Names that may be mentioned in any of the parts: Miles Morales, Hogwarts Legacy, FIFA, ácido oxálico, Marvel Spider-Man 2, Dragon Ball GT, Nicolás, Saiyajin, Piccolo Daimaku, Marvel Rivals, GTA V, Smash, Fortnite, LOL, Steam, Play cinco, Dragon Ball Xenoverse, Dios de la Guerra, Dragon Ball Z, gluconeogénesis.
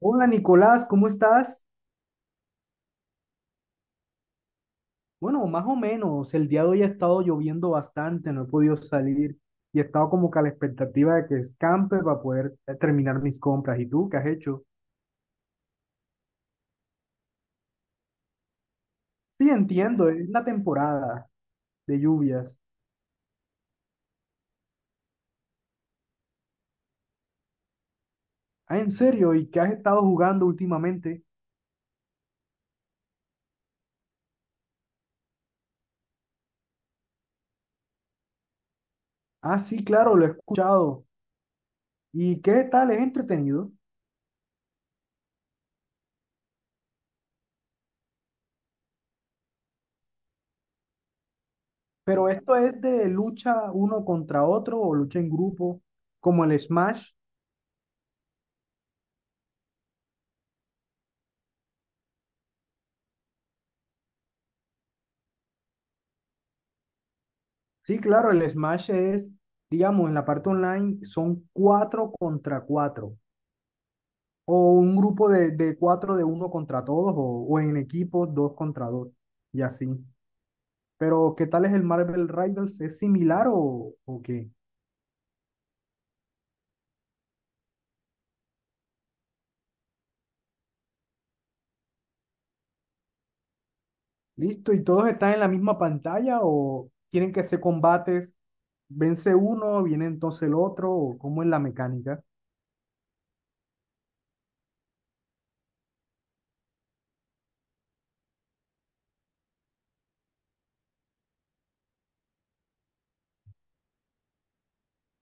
Hola Nicolás, ¿cómo estás? Bueno, más o menos. El día de hoy ha estado lloviendo bastante, no he podido salir y he estado como que a la expectativa de que escampe para poder terminar mis compras. ¿Y tú qué has hecho? Sí, entiendo, es la temporada de lluvias. Ah, ¿en serio? ¿Y qué has estado jugando últimamente? Ah, sí, claro, lo he escuchado. ¿Y qué tal? ¿Es entretenido? Pero ¿esto es de lucha uno contra otro o lucha en grupo, como el Smash? Sí, claro, el Smash es, digamos, en la parte online son cuatro contra cuatro, o un grupo de cuatro de uno contra todos, o en equipos dos contra dos, y así. Pero ¿qué tal es el Marvel Rivals? ¿Es similar o qué? Listo, ¿y todos están en la misma pantalla o tienen que hacer combates? Vence uno, viene entonces el otro, ¿o cómo es la mecánica?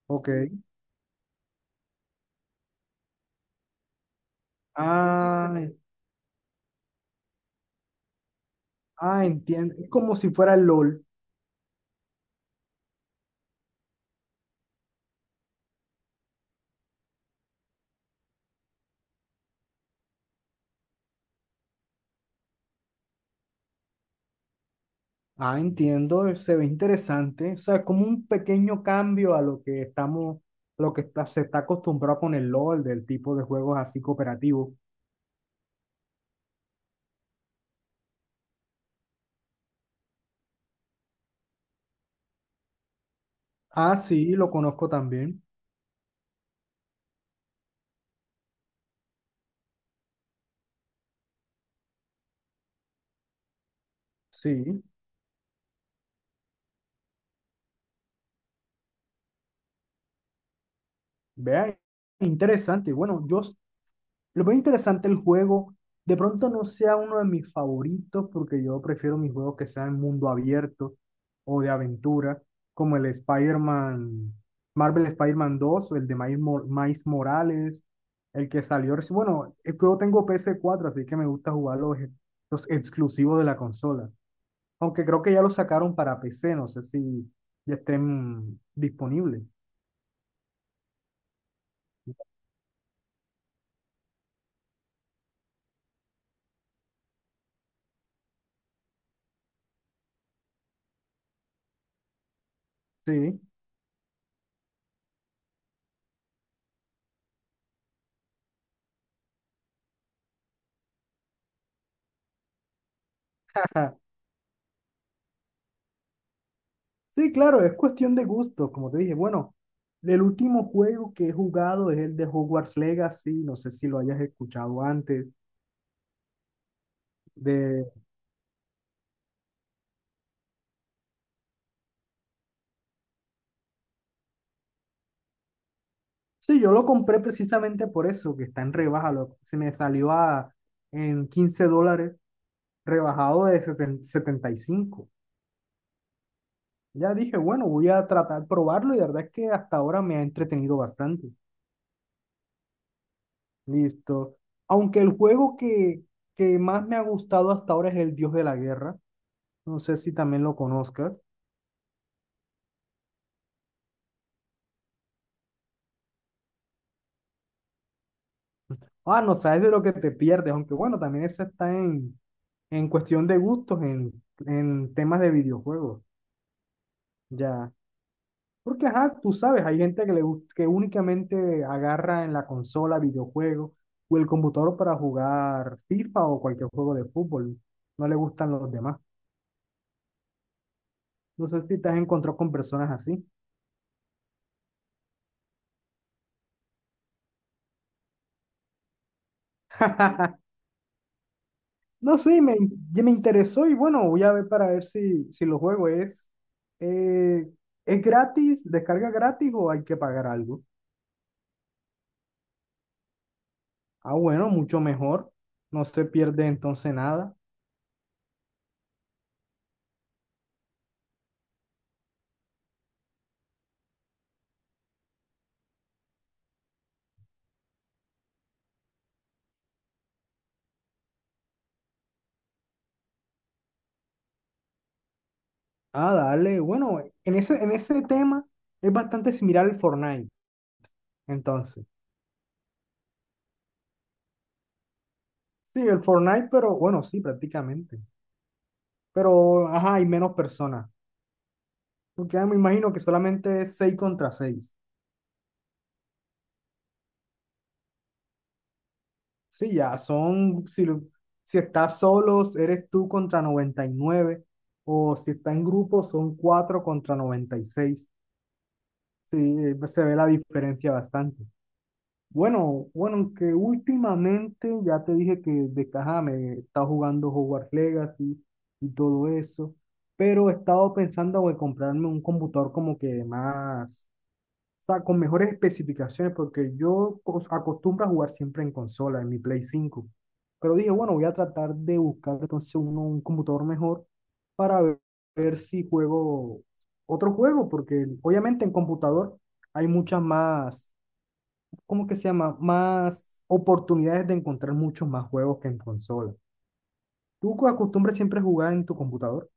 Ok. Ah, ah, entiendo. Es como si fuera el LOL. Ah, entiendo, se ve interesante. O sea, como un pequeño cambio a lo que estamos, lo que está, se está acostumbrado con el LOL, del tipo de juegos así cooperativos. Ah, sí, lo conozco también. Sí, vea, interesante. Bueno, yo lo veo interesante el juego. De pronto no sea uno de mis favoritos porque yo prefiero mis juegos que sean mundo abierto o de aventura, como el Spider-Man, Marvel Spider-Man 2 o el de Miles, Miles Morales, el que salió. Bueno, yo tengo ps cuatro, así que me gusta jugar los exclusivos de la consola. Aunque creo que ya los sacaron para PC, no sé si ya estén disponibles. Sí. Sí, claro, es cuestión de gustos, como te dije. Bueno, el último juego que he jugado es el de Hogwarts Legacy, no sé si lo hayas escuchado antes. De... Sí, yo lo compré precisamente por eso, que está en rebaja, se me salió a, en 15 dólares, rebajado de 75. Ya dije, bueno, voy a tratar de probarlo y la verdad es que hasta ahora me ha entretenido bastante. Listo. Aunque el juego que más me ha gustado hasta ahora es el Dios de la Guerra, no sé si también lo conozcas. Ah, no sabes de lo que te pierdes, aunque bueno, también eso está en cuestión de gustos, en temas de videojuegos, ya. Porque, ajá, tú sabes, hay gente que, que únicamente agarra en la consola videojuegos o el computador para jugar FIFA o cualquier juego de fútbol. No le gustan los demás. No sé si te has encontrado con personas así. No sé, ya me interesó y bueno, voy a ver para ver si, si lo juego. Eh, es gratis, descarga gratis o hay que pagar algo? Ah, bueno, mucho mejor. No se pierde entonces nada. Ah, dale. Bueno, en ese tema es bastante similar al Fortnite. Entonces, sí, el Fortnite, pero bueno, sí, prácticamente. Pero, ajá, hay menos personas. Porque ah, me imagino que solamente es 6 contra seis. Sí, ya son, si, si estás solo, eres tú contra 99, o si está en grupo, son 4 contra 96. Sí, se ve la diferencia bastante. Bueno, bueno, aunque últimamente ya te dije que de caja me está jugando Hogwarts Legacy y todo eso, pero he estado pensando en comprarme un computador como que más, o sea, con mejores especificaciones, porque yo acostumbro a jugar siempre en consola, en mi Play 5. Pero dije, bueno, voy a tratar de buscar entonces un computador mejor para ver, ver si juego otro juego, porque obviamente en computador hay muchas más, ¿cómo que se llama? Más oportunidades de encontrar muchos más juegos que en consola. ¿Tú acostumbras siempre a jugar en tu computador?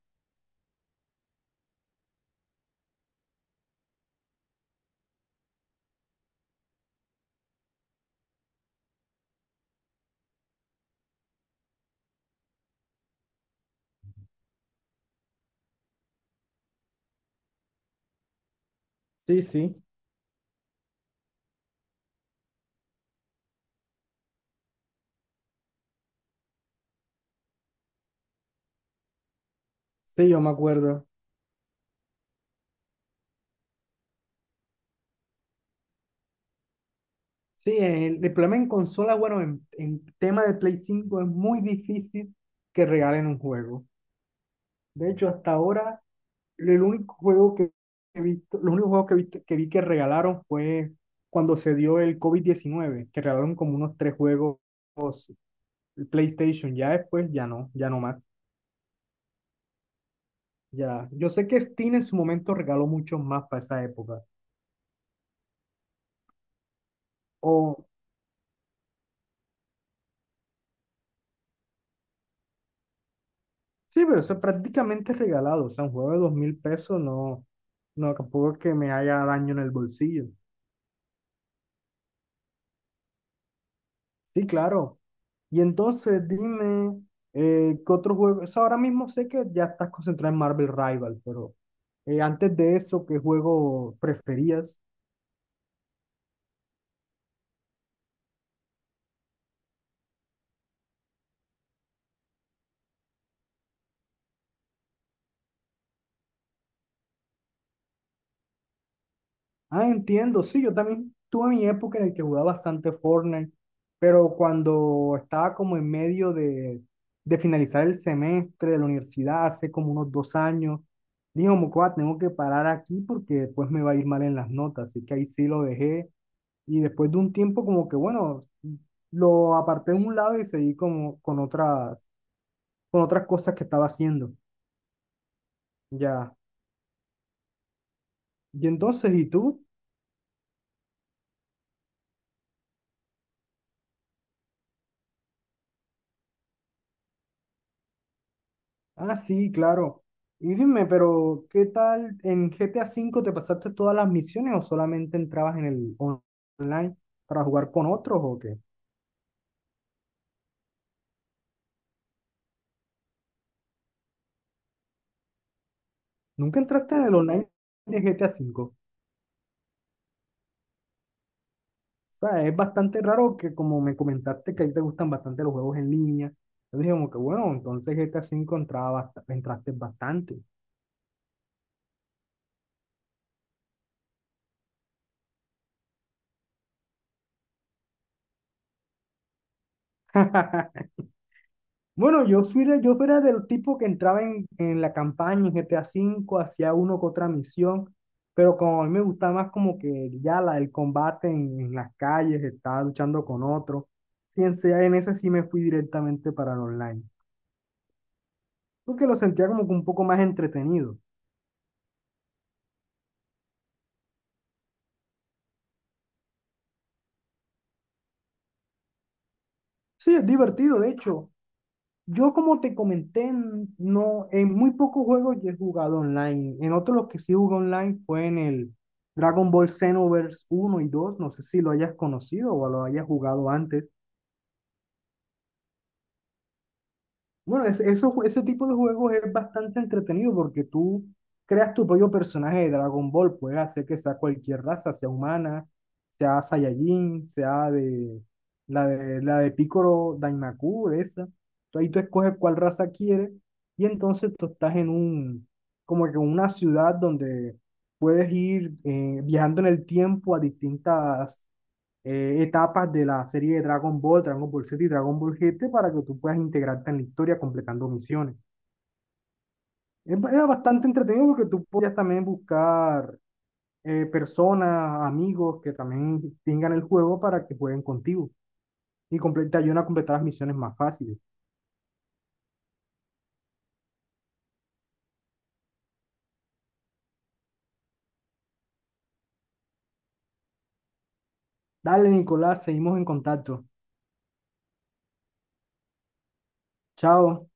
Sí, sí, yo me acuerdo. Sí, el problema en consola, bueno, en tema de Play 5 es muy difícil que regalen un juego. De hecho, hasta ahora, el único juego que he visto, los únicos juegos que, que vi que regalaron fue cuando se dio el COVID-19, que regalaron como unos tres juegos el PlayStation. Ya después, ya no, ya no más. Ya. Yo sé que Steam en su momento regaló muchos más para esa época. O, sí, pero eso es prácticamente regalado. O sea, un juego de 2.000 pesos no, no, tampoco es que me haya daño en el bolsillo. Sí, claro. Y entonces dime, ¿qué otro juego? Eso ahora mismo sé que ya estás concentrado en Marvel Rival, pero antes de eso, ¿qué juego preferías? Ah, entiendo, sí, yo también tuve mi época en la que jugaba bastante Fortnite, pero cuando estaba como en medio de finalizar el semestre de la universidad, hace como unos 2 años, dije, como, "Cuá, tengo que parar aquí porque después me va a ir mal en las notas", así que ahí sí lo dejé. Y después de un tiempo como que, bueno, lo aparté de un lado y seguí como con otras cosas que estaba haciendo. Ya. Y entonces, ¿y tú? Ah, sí, claro. Y dime, pero ¿qué tal en GTA V te pasaste todas las misiones o solamente entrabas en el online para jugar con otros o qué? ¿Nunca entraste en el online de GTA V? O sea, es bastante raro que, como me comentaste que a ti te gustan bastante los juegos en línea, yo dije como que bueno, entonces GTA V entraba entraste bastante. Bueno, yo fui, yo era del tipo que entraba en la campaña en GTA V, hacía uno que otra misión, pero como a mí me gustaba más como que ya la, el combate en las calles, estaba luchando con otro, y en ese sí me fui directamente para el online, porque lo sentía como que un poco más entretenido. Sí, es divertido, de hecho. Yo, como te comenté, no, en muy pocos juegos yo he jugado online. En otros los que sí jugué online fue en el Dragon Ball Xenoverse uno y dos. No sé si lo hayas conocido o lo hayas jugado antes. Bueno, ese tipo de juegos es bastante entretenido porque tú creas tu propio personaje de Dragon Ball. Puedes hacer que sea cualquier raza, sea humana, sea Saiyajin, sea de la de Piccolo Daimaku, de esa. Tú ahí tú escoges cuál raza quieres y entonces tú estás en un, como que en una ciudad donde puedes ir viajando en el tiempo a distintas etapas de la serie de Dragon Ball, Dragon Ball Z y Dragon Ball GT para que tú puedas integrarte en la historia completando misiones. Es Era bastante entretenido porque tú podías también buscar personas, amigos que también tengan el juego para que jueguen contigo y te ayudan a completar las misiones más fáciles. Dale, Nicolás, seguimos en contacto. Chao.